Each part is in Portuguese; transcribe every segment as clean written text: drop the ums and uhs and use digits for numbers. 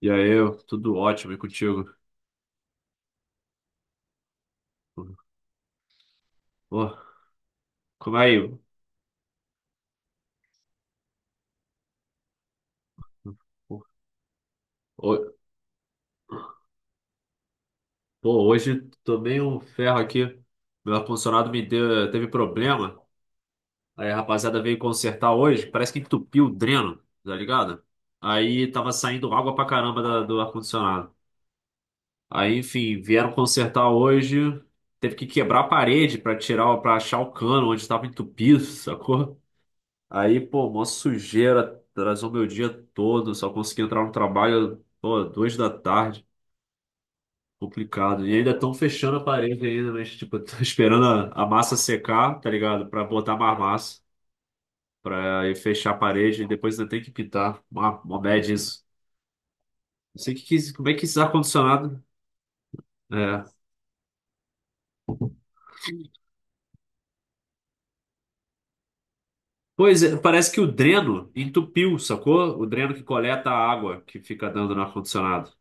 E aí, eu, tudo ótimo e contigo? Pô, como é aí? Pô, pô, hoje tomei um ferro aqui. Meu ar-condicionado teve problema. Aí a rapaziada veio consertar hoje. Parece que entupiu o dreno, tá ligado? Aí tava saindo água pra caramba do ar-condicionado. Aí, enfim, vieram consertar hoje. Teve que quebrar a parede para achar o cano onde estava entupido, sacou? Aí, pô, mó sujeira, atrasou meu dia todo, só consegui entrar no trabalho, pô, 2 da tarde, complicado. E ainda estão fechando a parede ainda, mas, tipo, tô esperando a massa secar, tá ligado? Pra botar mais massa, pra ir fechar a parede e depois ainda tem que pintar. Uma bad isso. Não sei como é que esse ar-condicionado. É. Pois é, parece que o dreno entupiu, sacou? O dreno que coleta a água que fica dando no ar-condicionado.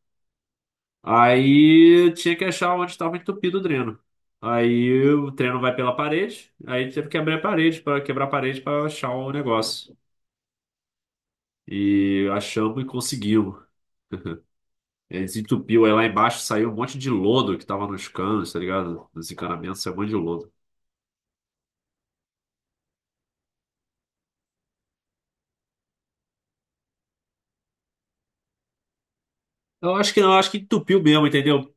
Aí tinha que achar onde estava entupido o dreno. Aí o dreno vai pela parede, aí teve que abrir a parede para quebrar a parede para achar o negócio. E achamos e conseguimos. Ele desentupiu, aí lá embaixo saiu um monte de lodo que tava nos canos, tá ligado? Nos encanamentos, saiu um monte de lodo. Eu acho que não, eu acho que entupiu mesmo, entendeu?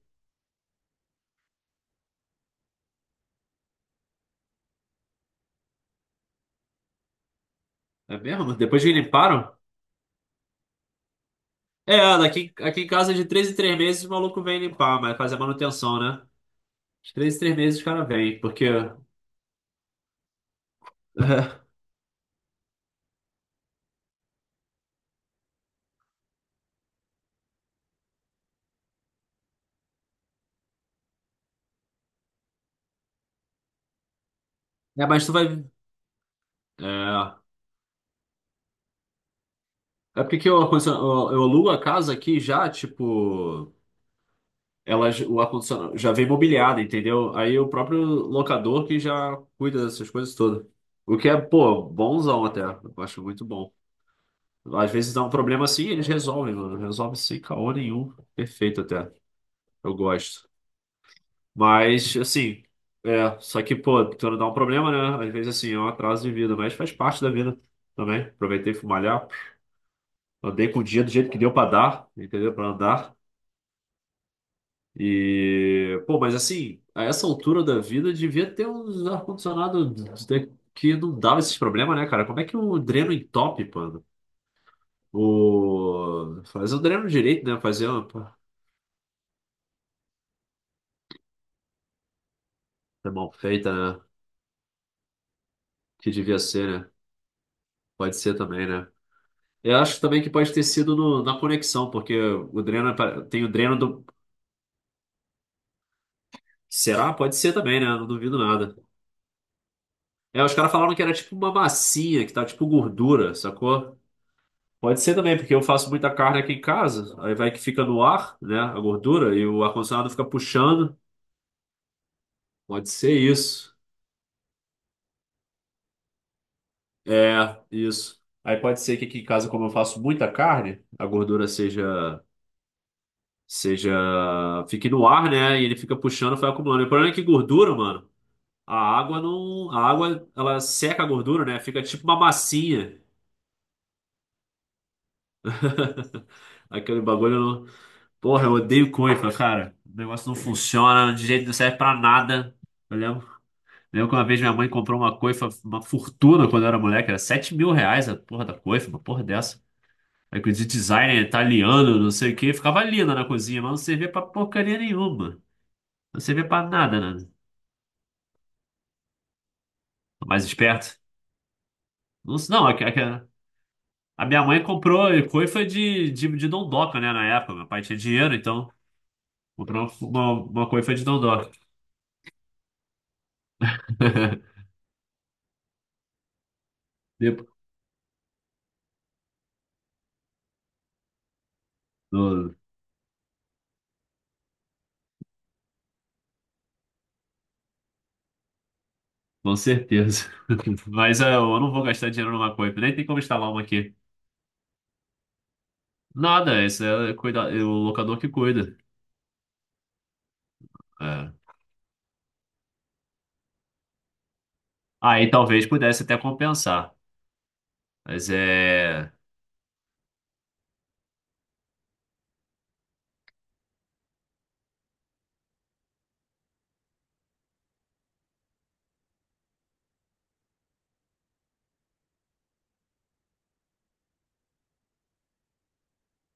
É mesmo? Depois que limparam? É, aqui em casa é de 3 em 3 meses o maluco vem limpar, mas fazer manutenção, né? De 3 em 3 meses o cara vem, porque. É, mas tu vai. É, é, porque que eu alugo a casa aqui já, tipo, o ar-condicionado já vem mobiliado, entendeu? Aí o próprio locador que já cuida dessas coisas todas. O que é, pô, bonzão até. Eu acho muito bom. Às vezes dá um problema assim, eles resolvem, mano. Resolve sem caô nenhum. Perfeito até. Eu gosto. Mas, assim, é. Só que, pô, quando dá um problema, né? Às vezes, assim, é um atraso de vida, mas faz parte da vida também. Aproveitei e fui malhar. Andei com o dia do jeito que deu para dar, entendeu? Para andar. E, pô, mas assim, a essa altura da vida devia ter uns ar-condicionado que não dava esses problemas, né, cara? Como é que o dreno entope, mano? Fazer o dreno direito, né? Fazer uma pô, é mal feita, né? Que devia ser, né? Pode ser também, né? Eu acho também que pode ter sido na conexão, porque o dreno tem o dreno do. Será? Pode ser também, né? Não duvido nada. É, os caras falaram que era tipo uma massinha, que tá tipo gordura, sacou? Pode ser também, porque eu faço muita carne aqui em casa, aí vai que fica no ar, né, a gordura, e o ar-condicionado fica puxando. Pode ser isso. É, isso. Aí pode ser que aqui em casa, como eu faço muita carne, a gordura seja, fique no ar, né, e ele fica puxando, vai acumulando. E o problema é que gordura, mano, a água não, a água, ela seca a gordura, né, fica tipo uma massinha. Aquele bagulho, não... Porra, eu odeio coifa, cara. O negócio não funciona, de jeito não serve pra nada. Entendeu? Lembro que uma vez minha mãe comprou uma coifa, uma fortuna quando eu era moleque, era R$ 7.000 a porra da coifa, uma porra dessa. Aí com de designer italiano, não sei o que, ficava linda na cozinha, mas não servia pra porcaria nenhuma. Não servia pra nada, né? Tô mais esperto. Não, não, a minha mãe comprou coifa de dondoca, né, na época. Meu pai tinha dinheiro, então comprou uma coifa de dondoca. Depo- no- Com certeza. Mas é, eu não vou gastar dinheiro numa coifa, nem tem como instalar uma aqui. Nada, esse é cuida, é o locador que cuida. É. Aí talvez pudesse até compensar. Mas é.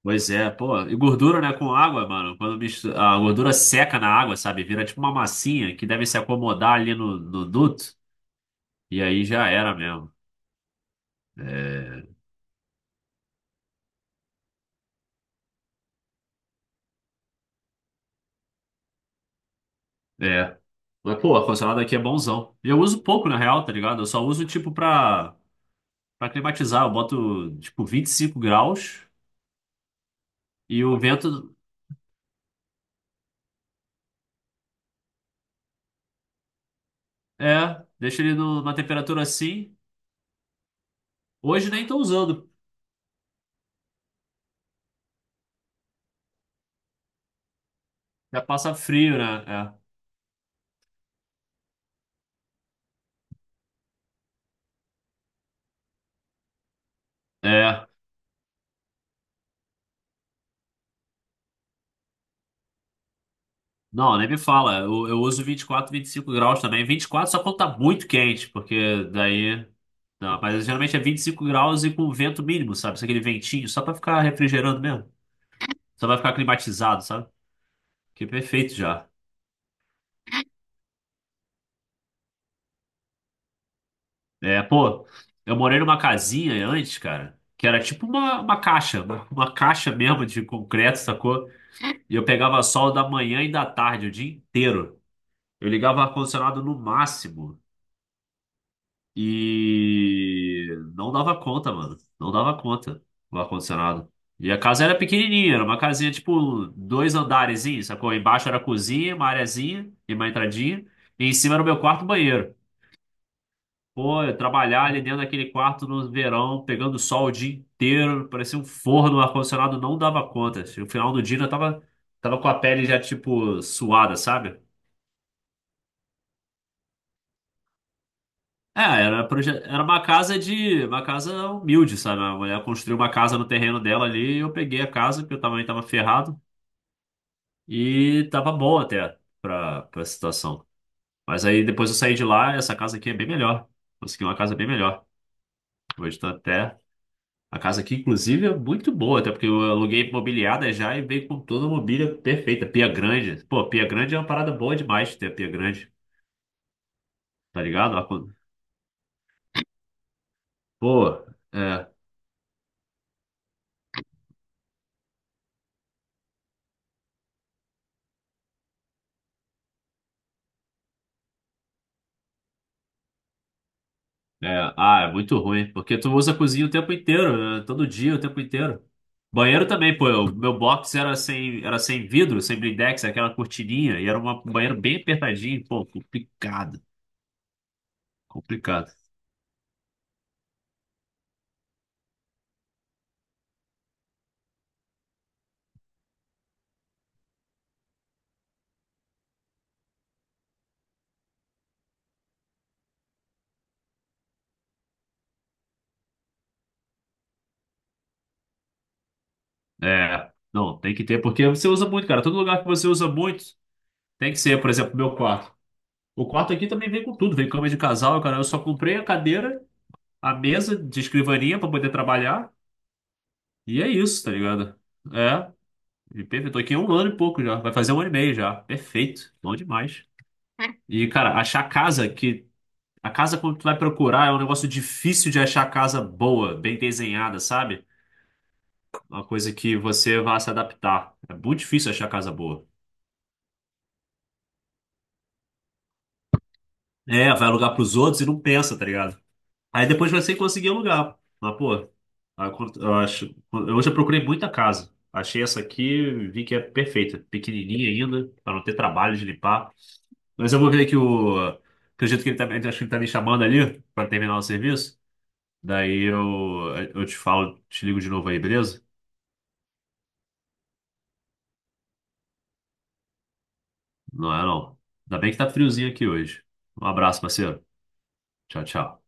Pois é, pô. E gordura, né, com água, mano. Quando mistura, a gordura seca na água, sabe? Vira tipo uma massinha que deve se acomodar ali no duto. E aí já era mesmo. É. É. Mas, pô, ar-condicionado aqui é bonzão. E eu uso pouco, na real, tá ligado? Eu só uso, tipo, pra climatizar. Eu boto, tipo, 25 graus e o vento. É, deixa ele numa temperatura assim. Hoje nem tô usando. Já passa frio, né? É. É. Não, nem me fala. Eu uso 24, 25 graus também. 24 só quando tá muito quente, porque daí. Não, mas geralmente é 25 graus e com vento mínimo, sabe? Só aquele ventinho, só pra ficar refrigerando mesmo. Só pra ficar climatizado, sabe? Que é perfeito já. É, pô, eu morei numa casinha antes, cara, que era tipo uma caixa, uma caixa mesmo de concreto, sacou? E eu pegava sol da manhã e da tarde, o dia inteiro. Eu ligava o ar-condicionado no máximo. E não dava conta, mano. Não dava conta o ar-condicionado. E a casa era pequenininha, era uma casinha tipo dois andarezinhos, sacou? Embaixo era a cozinha, uma areazinha e uma entradinha. E em cima era o meu quarto banheiro. Pô, eu trabalhar ali dentro daquele quarto no verão, pegando sol o dia inteiro, parecia um forno, o ar-condicionado não dava conta. No final do dia eu tava com a pele já tipo suada, sabe? É, era uma casa de. Uma casa humilde, sabe? A mulher construiu uma casa no terreno dela ali, e eu peguei a casa, porque eu também tava ferrado, e tava bom até pra situação. Mas aí depois eu saí de lá, essa casa aqui é bem melhor. Consegui uma casa bem melhor. Hoje tá até. A casa aqui, inclusive, é muito boa, até porque eu aluguei mobiliada já e veio com toda a mobília perfeita. Pia grande. Pô, pia grande é uma parada boa demais ter a pia grande, tá ligado? Pô, é. É, ah, é muito ruim, porque tu usa a cozinha o tempo inteiro, né? Todo dia, o tempo inteiro. Banheiro também, pô, o meu box era sem vidro, sem blindex, aquela cortininha, e era um banheiro bem apertadinho, pô, complicado, complicado. É, não, tem que ter, porque você usa muito, cara, todo lugar que você usa muito, tem que ser, por exemplo, meu quarto. O quarto aqui também vem com tudo, vem cama de casal, cara, eu só comprei a cadeira, a mesa de escrivaninha pra poder trabalhar, e é isso, tá ligado? É. E perfeito. Tô aqui há um ano e pouco já. Vai fazer um ano e meio já. Perfeito. Bom demais. E, cara, achar casa que. A casa quando tu vai procurar é um negócio difícil de achar casa boa, bem desenhada, sabe? Uma coisa que você vai se adaptar. É muito difícil achar casa boa. É, vai alugar pros outros e não pensa, tá ligado? Aí depois você conseguir alugar. Mas, pô, aí eu acho. Eu já procurei muita casa. Achei essa aqui, vi que é perfeita. Pequenininha ainda, pra não ter trabalho de limpar. Mas eu vou ver que o. Acredito que ele tá, acho que ele tá me chamando ali pra terminar o serviço. Daí eu te ligo de novo aí, beleza? Não é não. Ainda bem que tá friozinho aqui hoje. Um abraço, parceiro. Tchau, tchau.